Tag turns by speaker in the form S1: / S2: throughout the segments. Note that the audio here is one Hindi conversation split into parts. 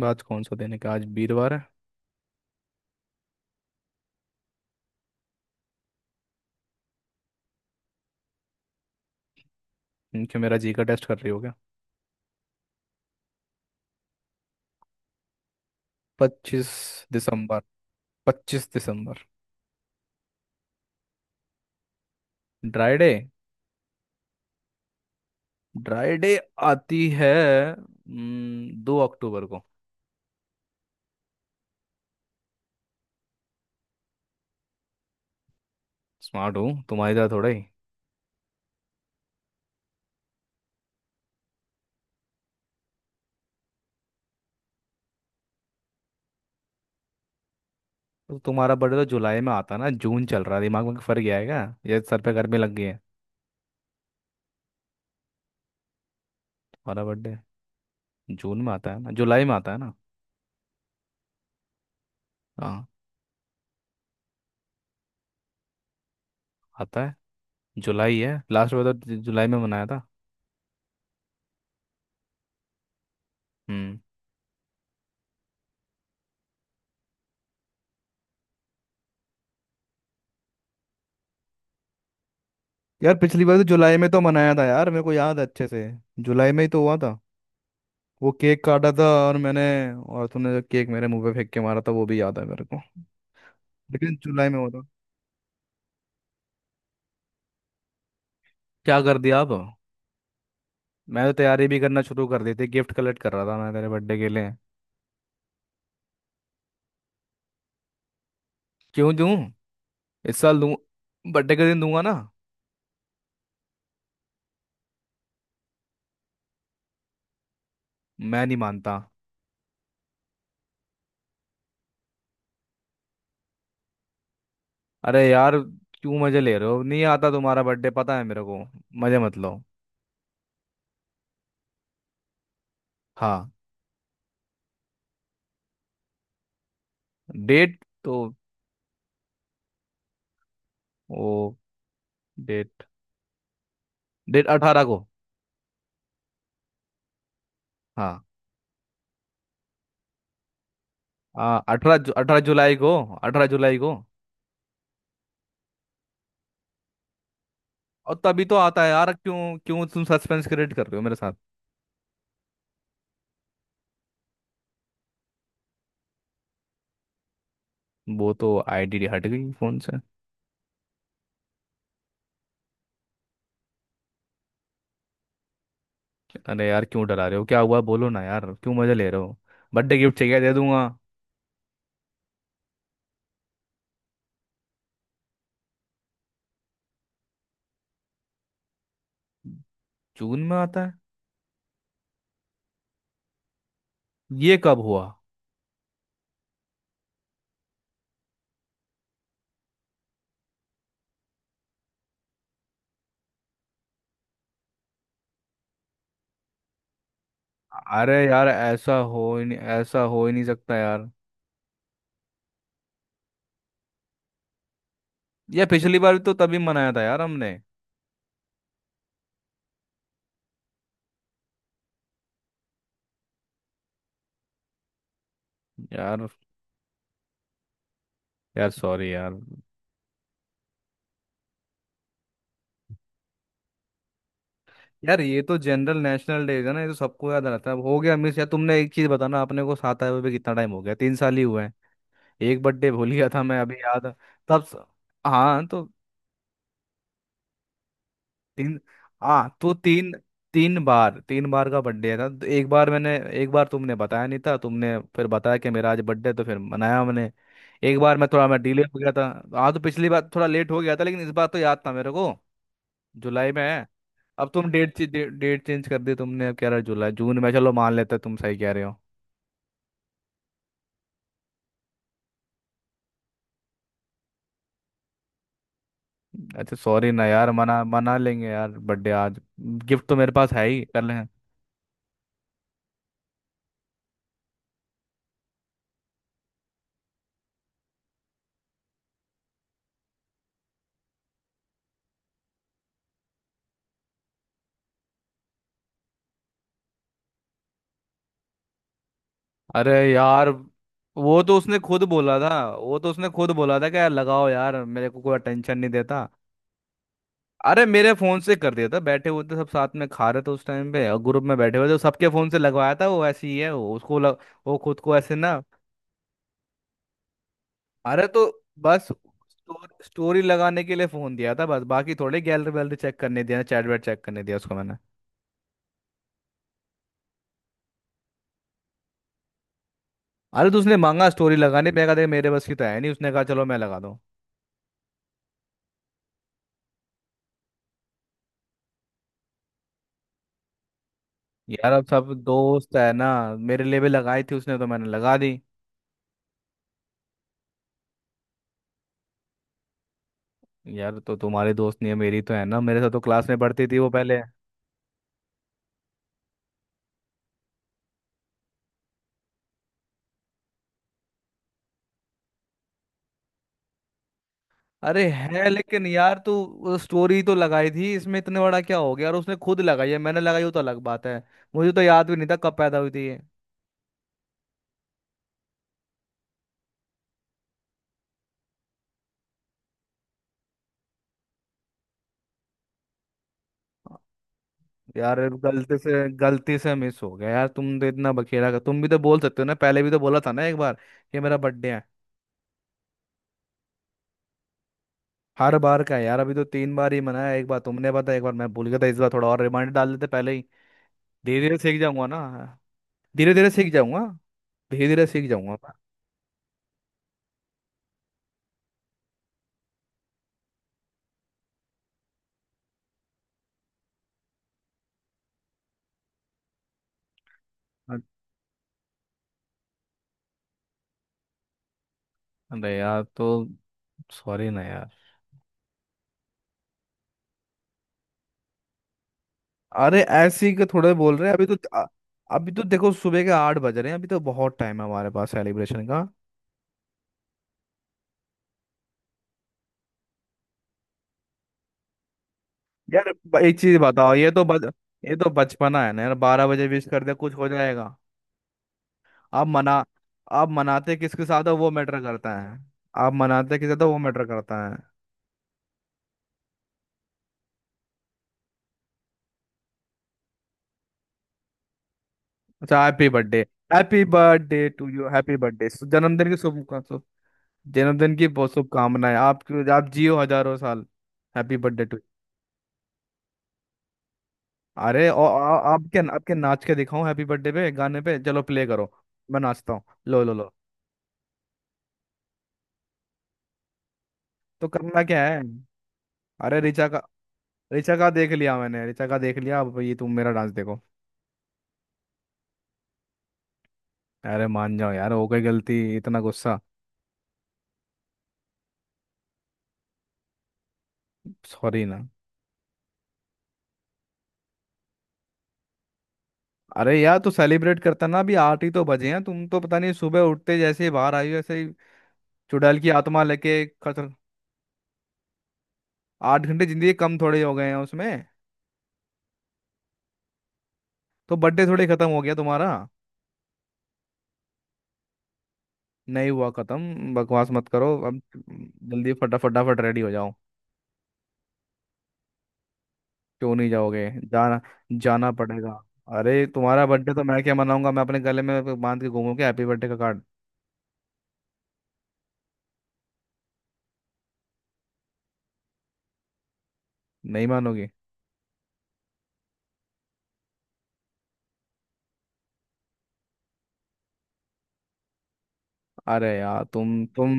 S1: बात कौन सा दिन है? क्या आज वीरवार है? क्योंकि मेरा जी का टेस्ट कर रही हो क्या। पच्चीस दिसंबर। पच्चीस दिसंबर। Dry day. Dry day. आती है। 2 अक्टूबर को। स्मार्ट हूँ, तुम्हारी तरह थोड़ा ही। तो तुम्हारा बर्थडे तो जुलाई में आता है ना, जून चल रहा है। दिमाग में फर्क गया है क्या? ये सर पे गर्मी लग गई है? तुम्हारा बर्थडे जून में आता है ना, जुलाई में आता है ना? हाँ। आता है। जुलाई है। लास्ट बार तो जुलाई में मनाया था। हम्म। यार, पिछली बार तो जुलाई में तो मनाया था यार, मेरे को याद है अच्छे से। जुलाई में ही तो हुआ था। वो केक काटा था और मैंने, और तूने जो केक मेरे मुंह पे फेंक के मारा था वो भी याद है मेरे को। लेकिन जुलाई में हुआ था। क्या कर दिया आप? मैं तो तैयारी भी करना शुरू कर दी थी, गिफ्ट कलेक्ट कर रहा था मैं तेरे बर्थडे के लिए। क्यों दूं? इस साल दूं। बर्थडे के दिन दूंगा ना। मैं नहीं मानता। अरे यार, क्यों मजे ले रहे हो? नहीं आता तुम्हारा बर्थडे, पता है मेरे को। मजे मत लो। हाँ। डेट? तो वो डेट, डेट 18 को। हाँ। 18, 18 जुलाई को। अठारह जुलाई को। और तभी तो आता है यार। क्यों क्यों तुम सस्पेंस क्रिएट कर रहे हो मेरे साथ? वो तो आईडी हट गई फोन से। अरे यार, क्यों डरा रहे हो? क्या हुआ? बोलो ना यार, क्यों मजे ले रहे हो? बर्थडे गिफ्ट चाहिए दे दूंगा। जून में आता है? ये कब हुआ? अरे यार, ऐसा हो ही नहीं सकता यार। ये पिछली बार भी तो तभी मनाया था यार हमने। यार। सॉरी यार। यार, ये तो जनरल नेशनल डे है ना, ये तो सबको याद रहता है। अब हो गया मिस यार। तुमने एक चीज बताना, अपने को साथ आए हुए भी कितना टाइम हो गया, 3 साल ही हुए हैं। एक बर्थडे भूल गया था मैं, अभी याद है। तब स- हाँ, तो तीन। हाँ, तो तीन। 3 बार, 3 बार का बर्थडे था तो एक बार मैंने, एक बार तुमने बताया नहीं था, तुमने फिर बताया कि मेरा आज बर्थडे, तो फिर मनाया मैंने। एक बार मैं थोड़ा, मैं डिले हो गया था। हाँ, तो पिछली बार थोड़ा लेट हो गया था, लेकिन इस बार तो याद था मेरे को, जुलाई में है। अब तुम डेट, डेट चेंज कर दी तुमने, अब कह रहे हो जुलाई, जून में। चलो मान लेते तुम सही कह रहे हो। अच्छा, सॉरी ना यार। मना मना लेंगे यार बर्थडे आज। गिफ्ट तो मेरे पास है ही, कर ले। अरे यार। वो तो उसने खुद बोला था। वो तो उसने खुद बोला था कि यार लगाओ यार, मेरे को कोई अटेंशन नहीं देता। अरे मेरे फोन से कर दिया था, बैठे हुए थे सब साथ में, खा रहे थे उस टाइम पे, और ग्रुप में बैठे हुए थे, सबके फोन से लगवाया था। वो ऐसी ही है। वो खुद को ऐसे ना। अरे तो बस स्टोरी लगाने के लिए फोन दिया था बस, बाकी थोड़े गैलरी वैलरी चेक करने दिया, चैट वैट चेक करने दिया उसको मैंने। अरे तो उसने मांगा स्टोरी लगाने पे, कहा देख मेरे बस की तो है नहीं, उसने कहा चलो मैं लगा। यार अब सब दोस्त है ना। मेरे लिए भी लगाई थी उसने, तो मैंने लगा दी। यार, तो तुम्हारी दोस्त नहीं है, मेरी तो है ना। मेरे साथ तो क्लास में पढ़ती थी वो पहले। अरे है, लेकिन यार तू, स्टोरी तो लगाई थी, इसमें इतने बड़ा क्या हो गया? और उसने खुद लगाई है, मैंने लगाई हो तो अलग बात है। मुझे तो याद भी नहीं था कब पैदा हुई थी ये। यार, गलती से मिस हो गया यार। तुम तो इतना बखेड़ा कर, तुम भी तो बोल सकते हो ना, पहले भी तो बोला था ना एक बार कि मेरा बर्थडे है। हर बार का है यार, अभी तो 3 बार ही मनाया। एक बार तुमने बताया, एक बार मैं भूल गया था, इस बार थोड़ा और रिमाइंडर डाल देते पहले ही। धीरे धीरे सीख जाऊंगा ना। धीरे धीरे सीख जाऊंगा। धीरे धीरे सीख जाऊंगा। मैं। अरे यार तो सॉरी ना यार। अरे ऐसे ही के थोड़े बोल रहे हैं अभी तो। अ- अभी तो देखो, सुबह के 8 बज रहे हैं, अभी तो बहुत टाइम है हमारे पास सेलिब्रेशन का। यार, एक चीज बताओ, ये तो बचपना है ना यार, 12 बजे विश कर दे कुछ हो जाएगा? आप मना, आप मनाते किसके साथ हो वो मैटर करता है। आप मनाते किसके साथ हो वो मैटर करता है। अच्छा, happy birthday. Happy birthday to you, happy birthday. जन्मदिन की शुभ जन्मदिन की बहुत शुभकामनाएं आप। आप जियो हजारों साल। हैप्पी बर्थडे टू अरे, और आपके आपके नाच के दिखाऊं हैप्पी बर्थडे पे, गाने पे चलो प्ले करो। मैं नाचता हूँ। लो लो लो। तो करना क्या है? अरे ऋचा का देख लिया मैंने। ऋचा का देख लिया, अब ये तुम मेरा डांस देखो। अरे मान जाओ यार, हो गई गलती, इतना गुस्सा? सॉरी ना। अरे यार, तो सेलिब्रेट करता ना, अभी 8 ही तो बजे हैं। तुम तो पता नहीं, सुबह उठते जैसे ही बाहर आई हो ऐसे ही चुड़ैल की आत्मा लेके। खतर 8 घंटे जिंदगी कम थोड़े हो गए हैं उसमें? तो बर्थडे थोड़ी खत्म हो गया तुम्हारा? नहीं हुआ खत्म, बकवास मत करो अब। जल्दी फटाफट रेडी हो जाओ। क्यों नहीं जाओगे? जाना, जाना पड़ेगा। अरे तुम्हारा बर्थडे तो मैं क्या मनाऊंगा, मैं अपने गले में बांध के घूमूंगा हैप्पी बर्थडे का कार्ड। नहीं मानोगी? अरे यार, तुम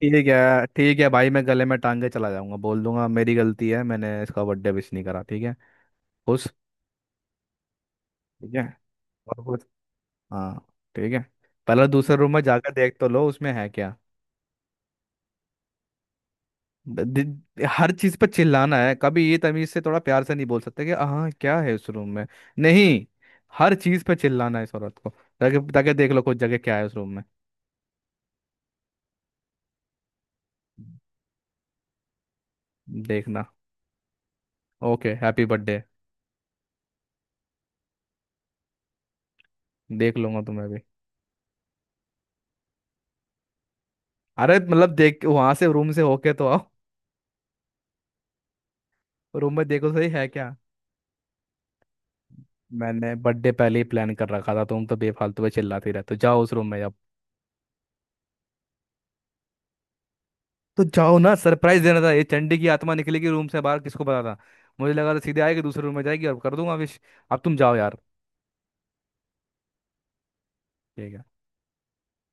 S1: ठीक है, ठीक है भाई, मैं गले में टांग के चला जाऊंगा, बोल दूंगा मेरी गलती है, मैंने इसका बर्थडे विश नहीं करा, ठीक है? खुश? ठीक है। और खुश। हाँ। ठीक है। पहले दूसरे रूम में जाकर देख तो लो, उसमें है क्या। हर चीज पर चिल्लाना है? कभी ये तमीज से थोड़ा प्यार से नहीं बोल सकते कि हाँ क्या है उस रूम में? नहीं, हर चीज पे चिल्लाना है इस औरत को। ताकि ताकि देख लो कुछ, जगह क्या है उस रूम में। देखना। Okay, happy birthday. देख लूंगा तुम्हें भी। अरे मतलब, देख वहां से, रूम से होके तो आओ। रूम में देखो सही है क्या। मैंने बर्थडे पहले ही प्लान कर रखा था, तुम तो बेफालतू में चिल्लाती रहते हो। जाओ उस रूम में, जाओ। तो जाओ ना, सरप्राइज देना था। ये चंडी की आत्मा निकलेगी रूम से बाहर, किसको पता था? मुझे लगा था सीधे आएगी दूसरे रूम में जाएगी और कर दूंगा विश। अब तुम जाओ यार। ठीक है।